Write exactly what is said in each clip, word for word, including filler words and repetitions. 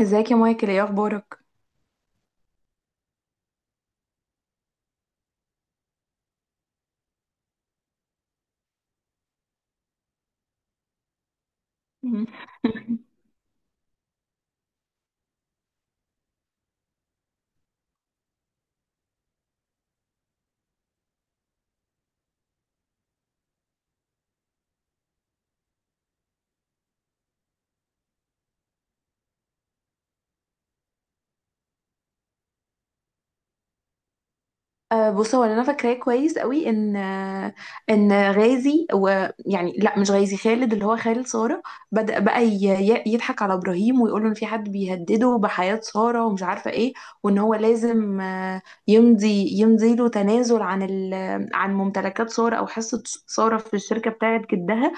ازيك يا مايكل؟ ايه اخبارك؟ أه بص، هو اللي انا فاكراه كويس قوي ان آه، ان غازي، ويعني لا مش غازي، خالد، اللي هو خالد ساره، بدأ بقى ي- ي- يضحك على ابراهيم ويقول له ان في حد بيهدده بحياه ساره ومش عارفه ايه، وان هو لازم آه، يمضي يمضي له تنازل عن ال- عن ممتلكات ساره او حصه ساره في الشركه بتاعت جدها.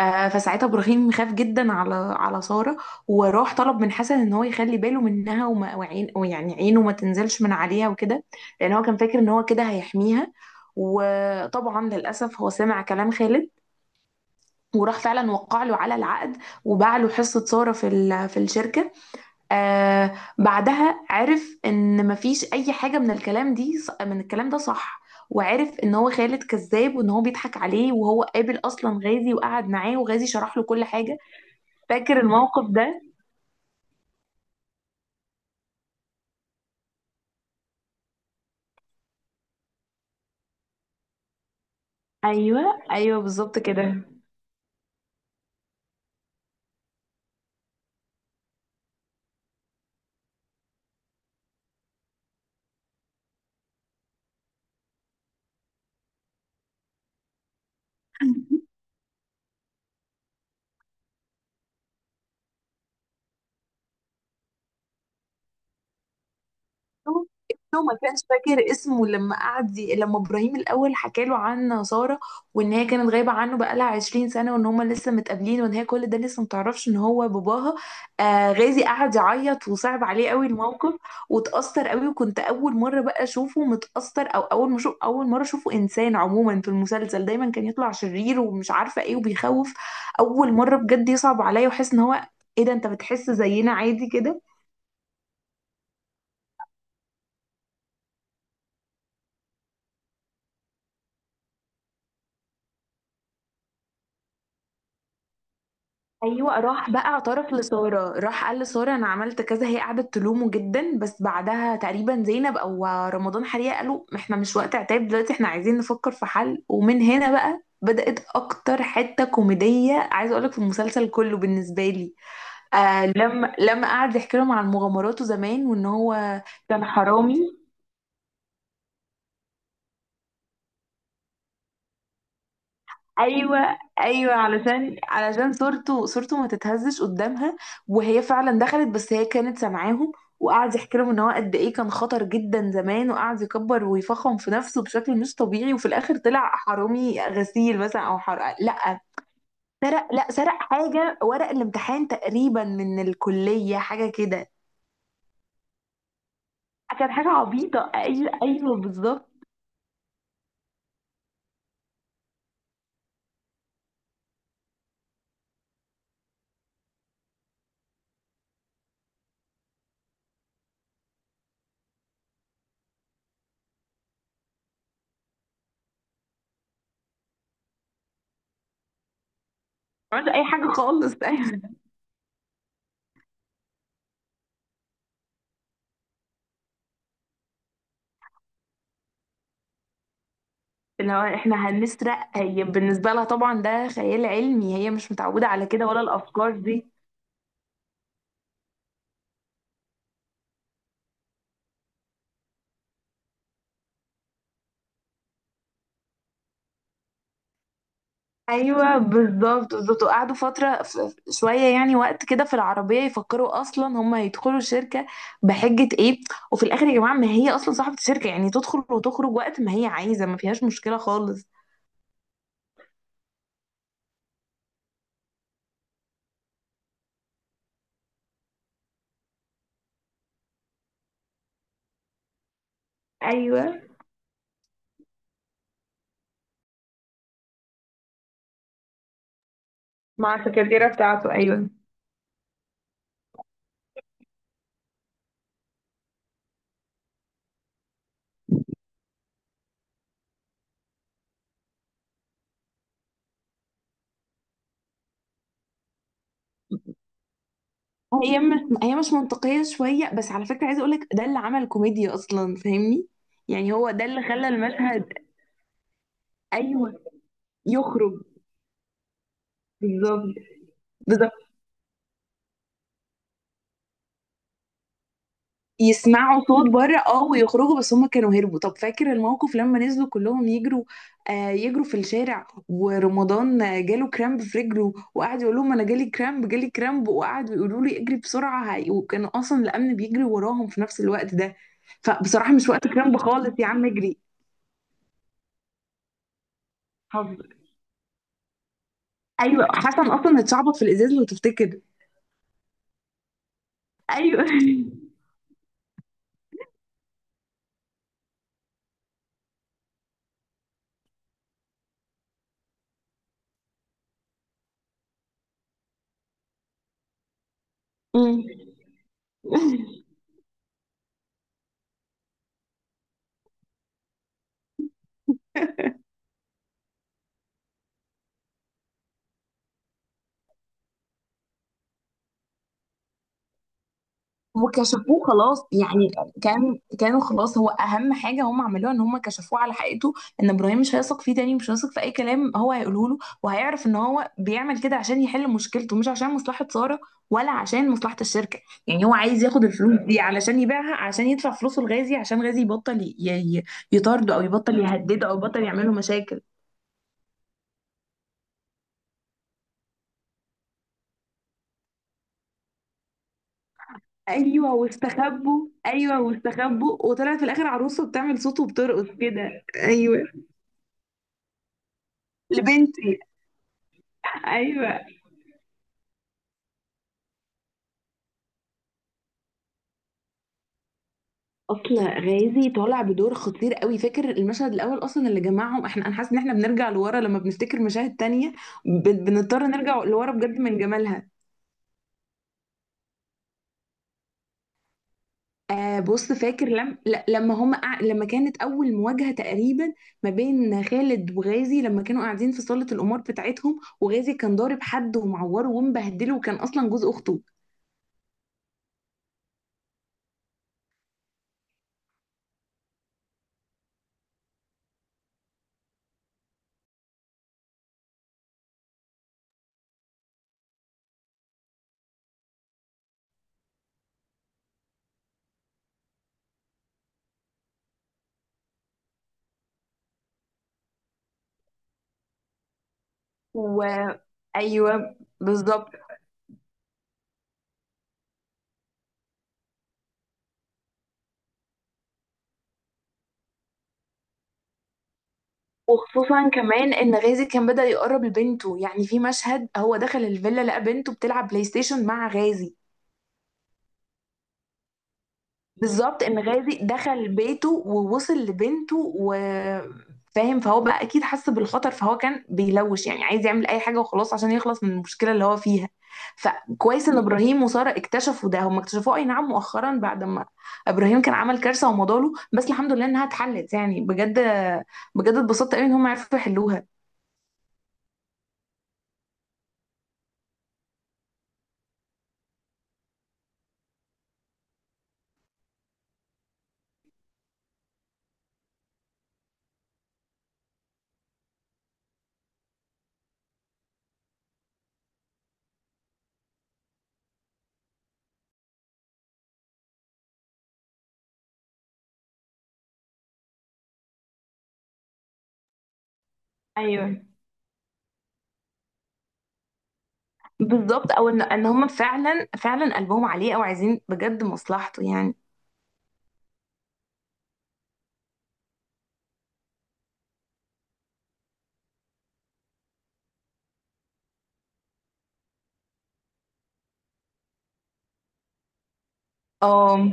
آه، فساعتها ابراهيم خاف جدا على على ساره، وراح طلب من حسن ان هو يخلي باله منها، وما وعين ويعني عينه ما تنزلش من عليها وكده، لان هو كان فاكر ان هو كده هيحميها. وطبعا للاسف هو سمع كلام خالد وراح فعلا وقع له على العقد، وباع له حصه ساره في ال- في الشركه. آه بعدها عرف ان مفيش اي حاجه من الكلام دي من الكلام ده صح، وعرف ان هو خالد كذاب، وان هو بيضحك عليه، وهو قابل اصلا غازي وقعد معاه وغازي شرح له كل حاجه. فاكر الموقف ده؟ ايوه ايوه، بالظبط كده. ابنه. ابنه ما كانش فاكر اسمه، لما قعد ي- لما ابراهيم الاول حكى له عن ساره، وان هي كانت غايبه عنه بقالها عشرين سنه، وان هما لسه متقابلين، وان هي كل ده لسه متعرفش ان هو باباها. آه غازي قعد يعيط وصعب عليه قوي الموقف، وتاثر قوي. وكنت اول مره بقى اشوفه متاثر، او اول ما شوف اول مره اشوفه انسان. عموما في المسلسل دايما كان يطلع شرير ومش عارفه ايه وبيخوف. اول مره بجد يصعب عليا واحس ان هو، ايه ده انت بتحس زينا عادي كده؟ ايوه، راح بقى اعترف لساره، راح قال لساره انا عملت كذا، هي قعدت تلومه جدا، بس بعدها تقريبا زينب او رمضان حريقه قالوا احنا مش وقت عتاب دلوقتي، احنا عايزين نفكر في حل. ومن هنا بقى بدأت اكتر حته كوميديه عايزه اقولك في المسلسل كله بالنسبه لي. آه لما لما قعد يحكي لهم عن مغامراته زمان، وان هو كان حرامي. ايوه. ايوه، علشان علشان صورته صورته ما تتهزش قدامها. وهي فعلا دخلت، بس هي كانت سامعاهم. وقعد يحكي لهم ان هو قد ايه كان خطر جدا زمان، وقعد يكبر ويفخم في نفسه بشكل مش طبيعي، وفي الاخر طلع حرامي غسيل مثلا، او حرق. لا، سرق. لا، سرق حاجه ورق الامتحان تقريبا من الكليه، حاجه كده. كانت حاجه عبيطه، ايوه ايوه بالظبط. ما عملش اي حاجه خالص. اللي هو احنا هنسرق، هي بالنسبة لها طبعا ده خيال علمي، هي مش متعودة على كده ولا الأفكار دي. ايوه بالظبط بالظبط. وقعدوا فترة ف- شوية يعني وقت كده في العربية يفكروا اصلا هم هيدخلوا الشركة بحجة ايه. وفي الاخر يا جماعة، ما هي اصلا صاحبة الشركة، يعني تدخل وتخرج وقت ما هي عايزة، ما فيهاش مشكلة خالص. ايوه. مع السكرتيرة بتاعته، ايوه. هي مش هي مش منطقية شوية، بس على فكرة عايزة اقولك ده اللي عمل كوميديا اصلا، فاهمني؟ يعني هو ده اللي خلى المشهد. ايوه. يخرج. بالظبط بالظبط. يسمعوا صوت بره اه، ويخرجوا، بس هم كانوا هربوا. طب فاكر الموقف لما نزلوا كلهم يجروا؟ آه، يجروا في الشارع، ورمضان آه، جاله كرامب في رجله، وقعد يقول لهم انا جالي كرامب، جالي كرامب، وقعدوا يقولوا لي اجري بسرعه، هي- وكانوا اصلا الامن بيجري وراهم في نفس الوقت ده. فبصراحه مش وقت كرامب خالص يا عم، اجري. حظ. ايوه، حسن اصلا اتشعبط في الازاز لو تفتكر. ايوه. أمم. وكشفوه خلاص يعني. كان كانوا خلاص، هو اهم حاجه هم عملوها ان هم كشفوه على حقيقته، ان ابراهيم مش هيثق فيه تاني، مش هيثق في اي كلام هو هيقوله له، وهيعرف ان هو بيعمل كده عشان يحل مشكلته مش عشان مصلحه ساره، ولا عشان مصلحه الشركه. يعني هو عايز ياخد الفلوس دي علشان يبيعها، عشان يدفع فلوسه لغازي عشان غازي يبطل ي- ي- يطارده، او يبطل يهدده، او يبطل يعمل له مشاكل. ايوه واستخبوا، ايوه واستخبوا، وطلعت في الاخر عروسه بتعمل صوت وبترقص كده، ايوه. لبنتي. ايوه. اصل غازي طالع بدور خطير قوي. فاكر المشهد الاول اصلا اللي جمعهم؟ احنا انا حاسه ان احنا بنرجع لورا لما بنفتكر مشاهد تانية، ب- بنضطر نرجع لورا بجد من جمالها. آه بص، فاكر لم ل- لما هم قع- لما كانت اول مواجهه تقريبا ما بين خالد وغازي، لما كانوا قاعدين في صاله القمار بتاعتهم، وغازي كان ضارب حد ومعوره ومبهدله، وكان اصلا جوز اخته. و... ايوه بالظبط. وخصوصا كمان ان غازي كان بدأ يقرب لبنته، يعني في مشهد هو دخل الفيلا لقى بنته بتلعب بلاي ستيشن مع غازي. بالظبط، ان غازي دخل بيته ووصل لبنته وفاهم. فهو بقى اكيد حس بالخطر، فهو كان بيلوش يعني عايز يعمل اي حاجة وخلاص عشان يخلص من المشكلة اللي هو فيها. فكويس ان ابراهيم وسارة اكتشفوا ده. هم اكتشفوه اي نعم مؤخرا، بعد ما ابراهيم كان عمل كارثة ومضاله، بس الحمد لله انها اتحلت، يعني بجد بجد اتبسطت قوي ان هم عرفوا يحلوها. ايوه بالظبط، او ان ان هم فعلا فعلا قلبهم عليه، او عايزين بجد مصلحته يعني. اه.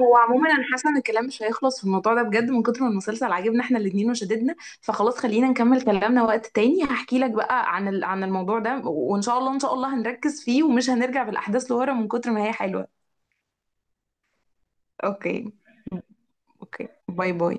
هو عموما انا حاسه ان الكلام مش هيخلص في الموضوع ده بجد، من كتر ما المسلسل عاجبنا احنا الاتنين وشددنا. فخلاص خلينا نكمل كلامنا وقت تاني، هحكي لك بقى عن ال- عن الموضوع ده، وان شاء الله ان شاء الله هنركز فيه ومش هنرجع بالاحداث لورا من كتر ما هي حلوه. اوكي. اوكي، باي باي.